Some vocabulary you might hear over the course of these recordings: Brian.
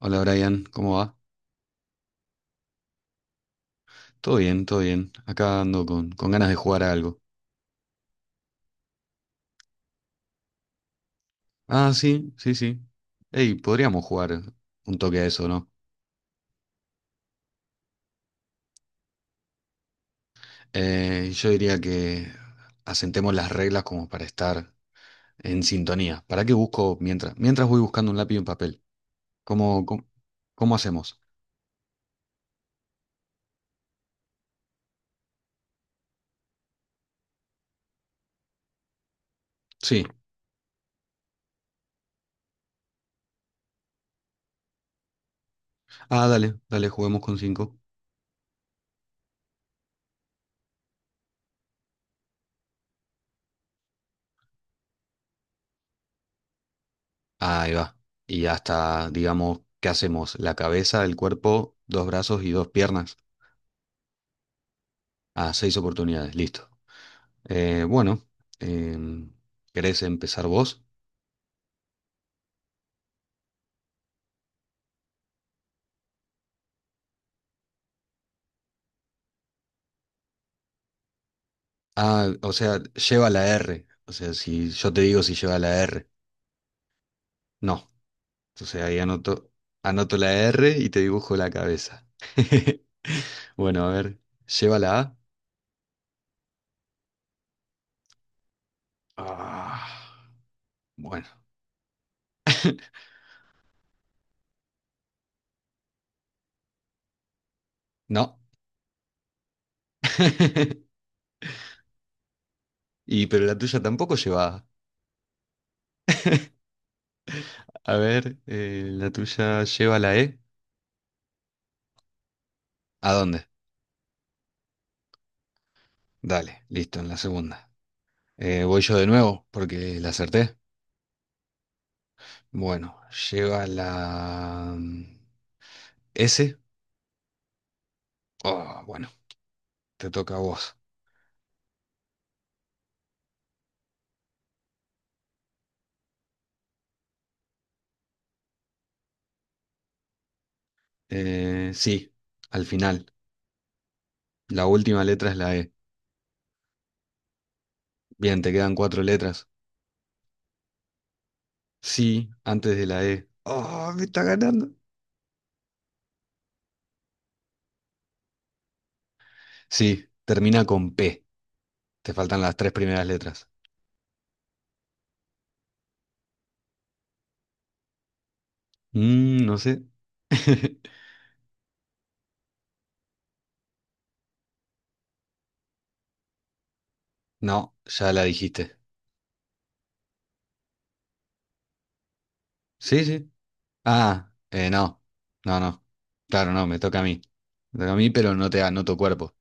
Hola Brian, ¿cómo va? Todo bien, todo bien. Acá ando con ganas de jugar a algo. Ah, sí, sí, sí. Ey, podríamos jugar un toque a eso, ¿no? Yo diría que asentemos las reglas como para estar en sintonía. ¿Para qué busco mientras? Mientras voy buscando un lápiz y un papel. ¿Cómo, cómo, cómo hacemos? Sí. Ah, dale, dale, juguemos con cinco. Ahí va. Y hasta, digamos, ¿qué hacemos? La cabeza, el cuerpo, dos brazos y dos piernas. Ah, seis oportunidades, listo. Bueno, em, ¿querés empezar vos? Ah, o sea, lleva la R. O sea, si yo te digo si lleva la R. No. Entonces ahí anoto la R y te dibujo la cabeza. Bueno, a ver, lleva la A. Ah, bueno, no. Y pero la tuya tampoco lleva A. A ver, la tuya lleva la E. ¿A dónde? Dale, listo, en la segunda. Voy yo de nuevo porque la acerté. Bueno, lleva la S. Oh, bueno, te toca a vos. Sí, al final. La última letra es la E. Bien, te quedan cuatro letras. Sí, antes de la E. Oh, me está ganando. Sí, termina con P. Te faltan las tres primeras letras. No sé. No, ya la dijiste. Sí, sí. Ah, no. No, no. Claro, no, me toca a mí. Me toca a mí, pero no te anoto cuerpo.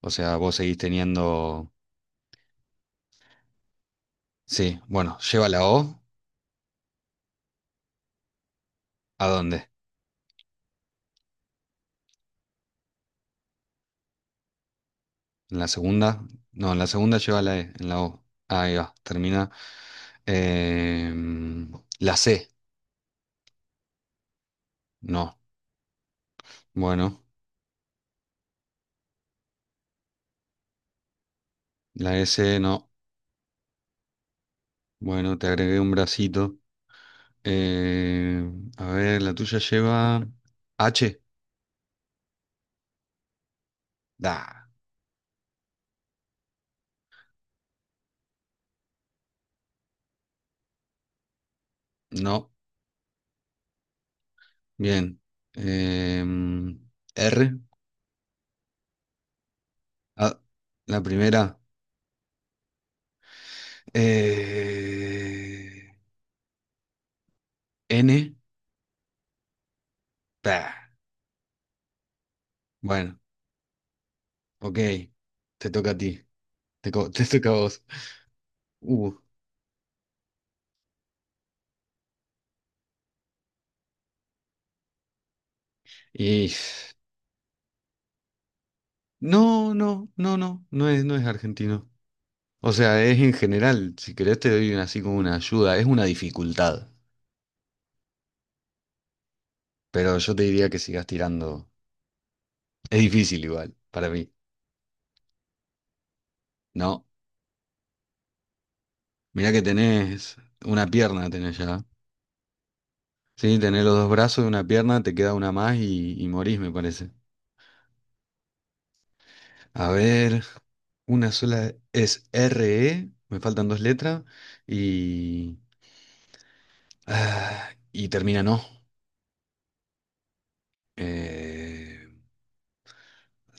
O sea, vos seguís teniendo. Sí, bueno, lleva la O, ¿a dónde? ¿En la segunda? No, en la segunda lleva la E, en la O. Ahí va, termina. Em, la C, no. Bueno, la S, no. Bueno, te agregué un bracito. A ver, la tuya lleva H. Da, no. Bien. Em, R, ah, la primera. Eh, N, bah. Bueno, Ok, te toca a ti. Te toca a vos. Uh, y... No, no, no, no, no es argentino. O sea, es en general, si querés te doy así como una ayuda, es una dificultad. Pero yo te diría que sigas tirando. Es difícil igual, para mí. No, mirá que tenés una pierna, tenés ya. Sí, tenés los dos brazos y una pierna, te queda una más y morís, me parece. A ver, una sola es R E. Me faltan dos letras. Y, ah, y termina, no. Eh,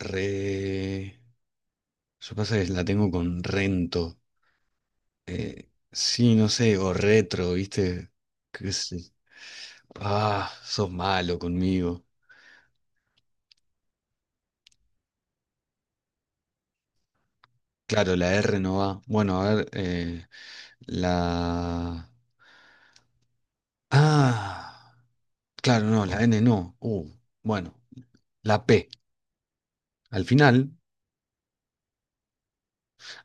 Re. Yo pasa que la tengo con rento. Sí, no sé, o retro, ¿viste? Qué sé-. Ah, sos malo conmigo. Claro, la R no va. Bueno, a ver, la. Ah, claro, no, la N no. Bueno, la P. Al final.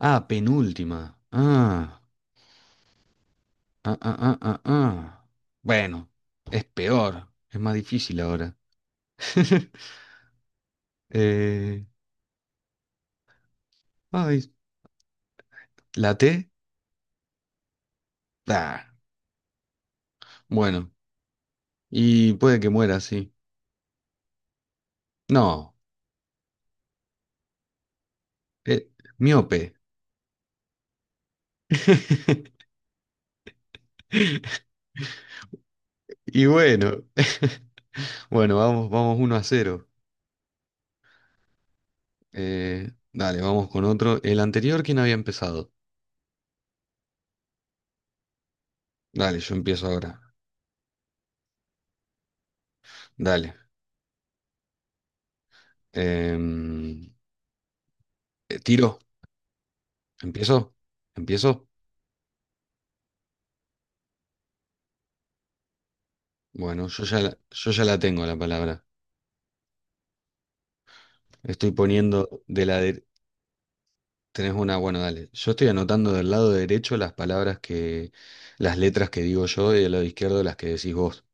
Ah, penúltima. Ah. Ah, ah, ah, ah, ah. Bueno, es peor, es más difícil ahora. Eh, Ay, ¿la T? Ah, bueno, y puede que muera, sí. No, eh, miope. Y bueno, bueno, vamos, vamos 1-0. Dale, vamos con otro. El anterior, ¿quién había empezado? Dale, yo empiezo ahora. Dale. Em, Tiro. ¿Empiezo? ¿Empiezo? Bueno, yo ya la tengo la palabra. Estoy poniendo de la... de-. Tenés una, bueno, dale. Yo estoy anotando del lado derecho las palabras que... las letras que digo yo y del lado izquierdo las que decís vos.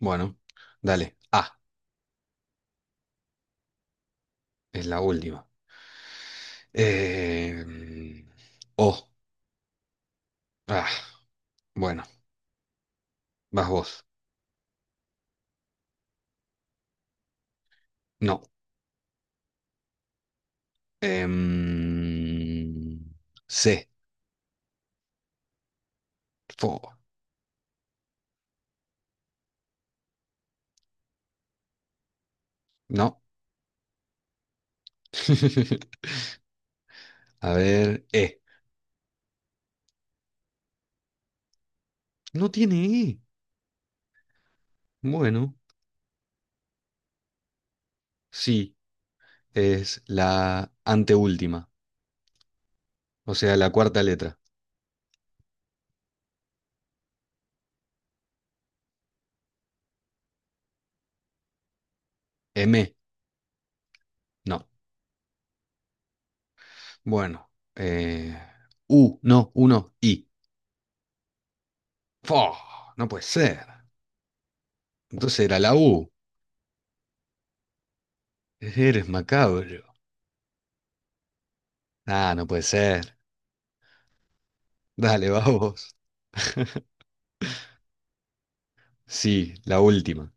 Bueno, dale. A, es la última. Eh, O, ah, bueno, vas vos. No. Em, C, fo, no. A ver, E. No tiene E. Bueno, sí. Es la anteúltima, o sea, la cuarta letra. M, no. Bueno, eh, U, no, I. ¡Fo! No puede ser. Entonces era la U. Eres macabro. Ah, no puede ser. Dale, vamos. Sí, la última.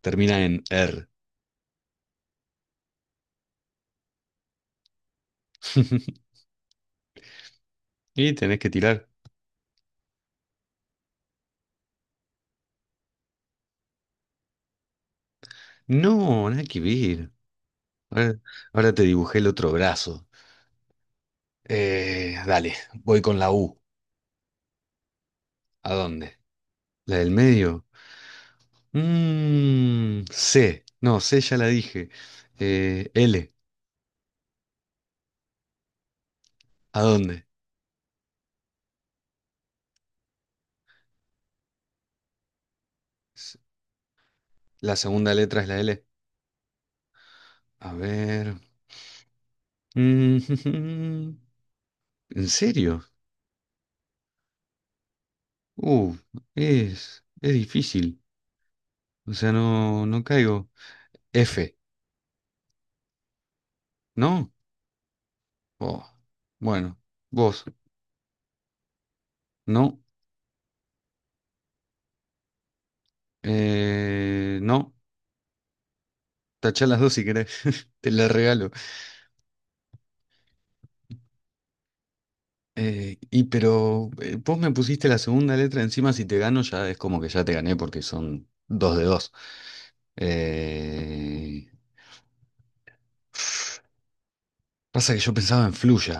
Termina en R. Y tenés que tirar. No, nada que ver. Ahora, ahora te dibujé el otro brazo. Dale, voy con la U. ¿A dónde? ¿La del medio? C. No, C ya la dije. L. ¿A dónde? S-. La segunda letra es la L. A ver. Mm, ¿En serio? Uh, es difícil. O sea, no, no caigo. F. ¿No? Oh, bueno, vos. No. No. Tachá las dos si querés. Te las regalo. Y pero vos me pusiste la segunda letra encima, si te gano ya es como que ya te gané porque son dos de dos. Eh, Pasa que yo pensaba en Fluya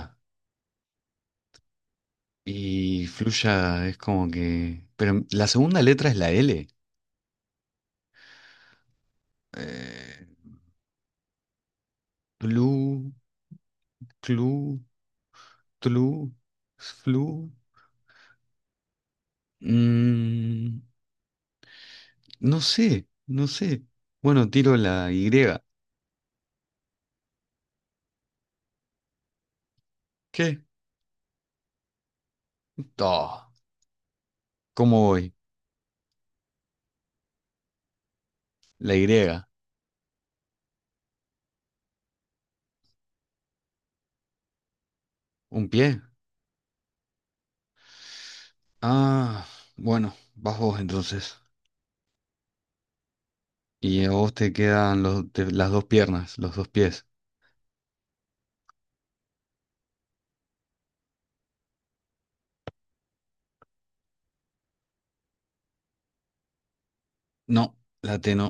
y Fluya es como que... Pero la segunda letra es la L. Eh, Tlu, clu, tlu, flu. Mm, no sé, no sé. Bueno, tiro la Y. ¿Qué? Oh, ¿cómo voy? La Y. ¿Un pie? Ah, bueno, vas vos entonces. Y a vos te quedan las dos piernas, los dos pies. No, la T no.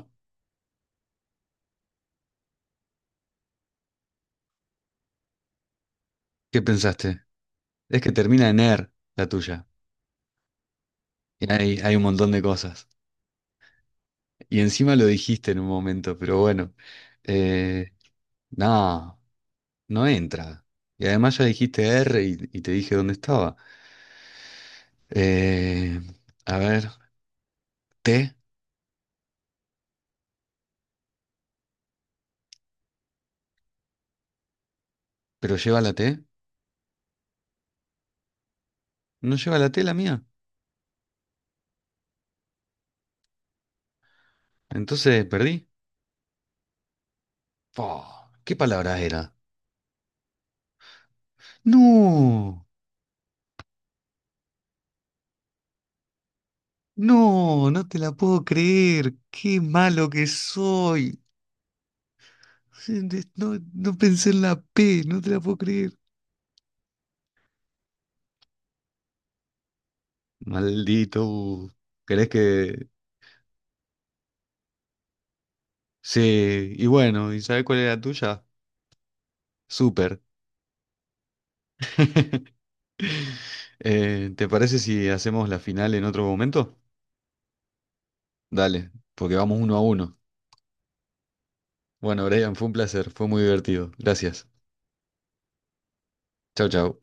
¿Qué pensaste? Es que termina en er, la tuya. Y hay un montón de cosas. Y encima lo dijiste en un momento, pero bueno. Eh, no, no entra. Y además ya dijiste R y te dije dónde estaba. Eh, a ver, T, pero lleva la T. No lleva la T la mía. Entonces perdí. Fua, ¿qué palabra era? No, no, no te la puedo creer. Qué malo que soy. Sí, no, no pensé en la P, no te la puedo creer. Maldito. ¿Crees que...? Sí, y bueno, ¿y sabes cuál es la tuya? Súper. ¿Te parece si hacemos la final en otro momento? Dale, porque vamos 1-1. Bueno, Brian, fue un placer, fue muy divertido. Gracias. Chau, chau.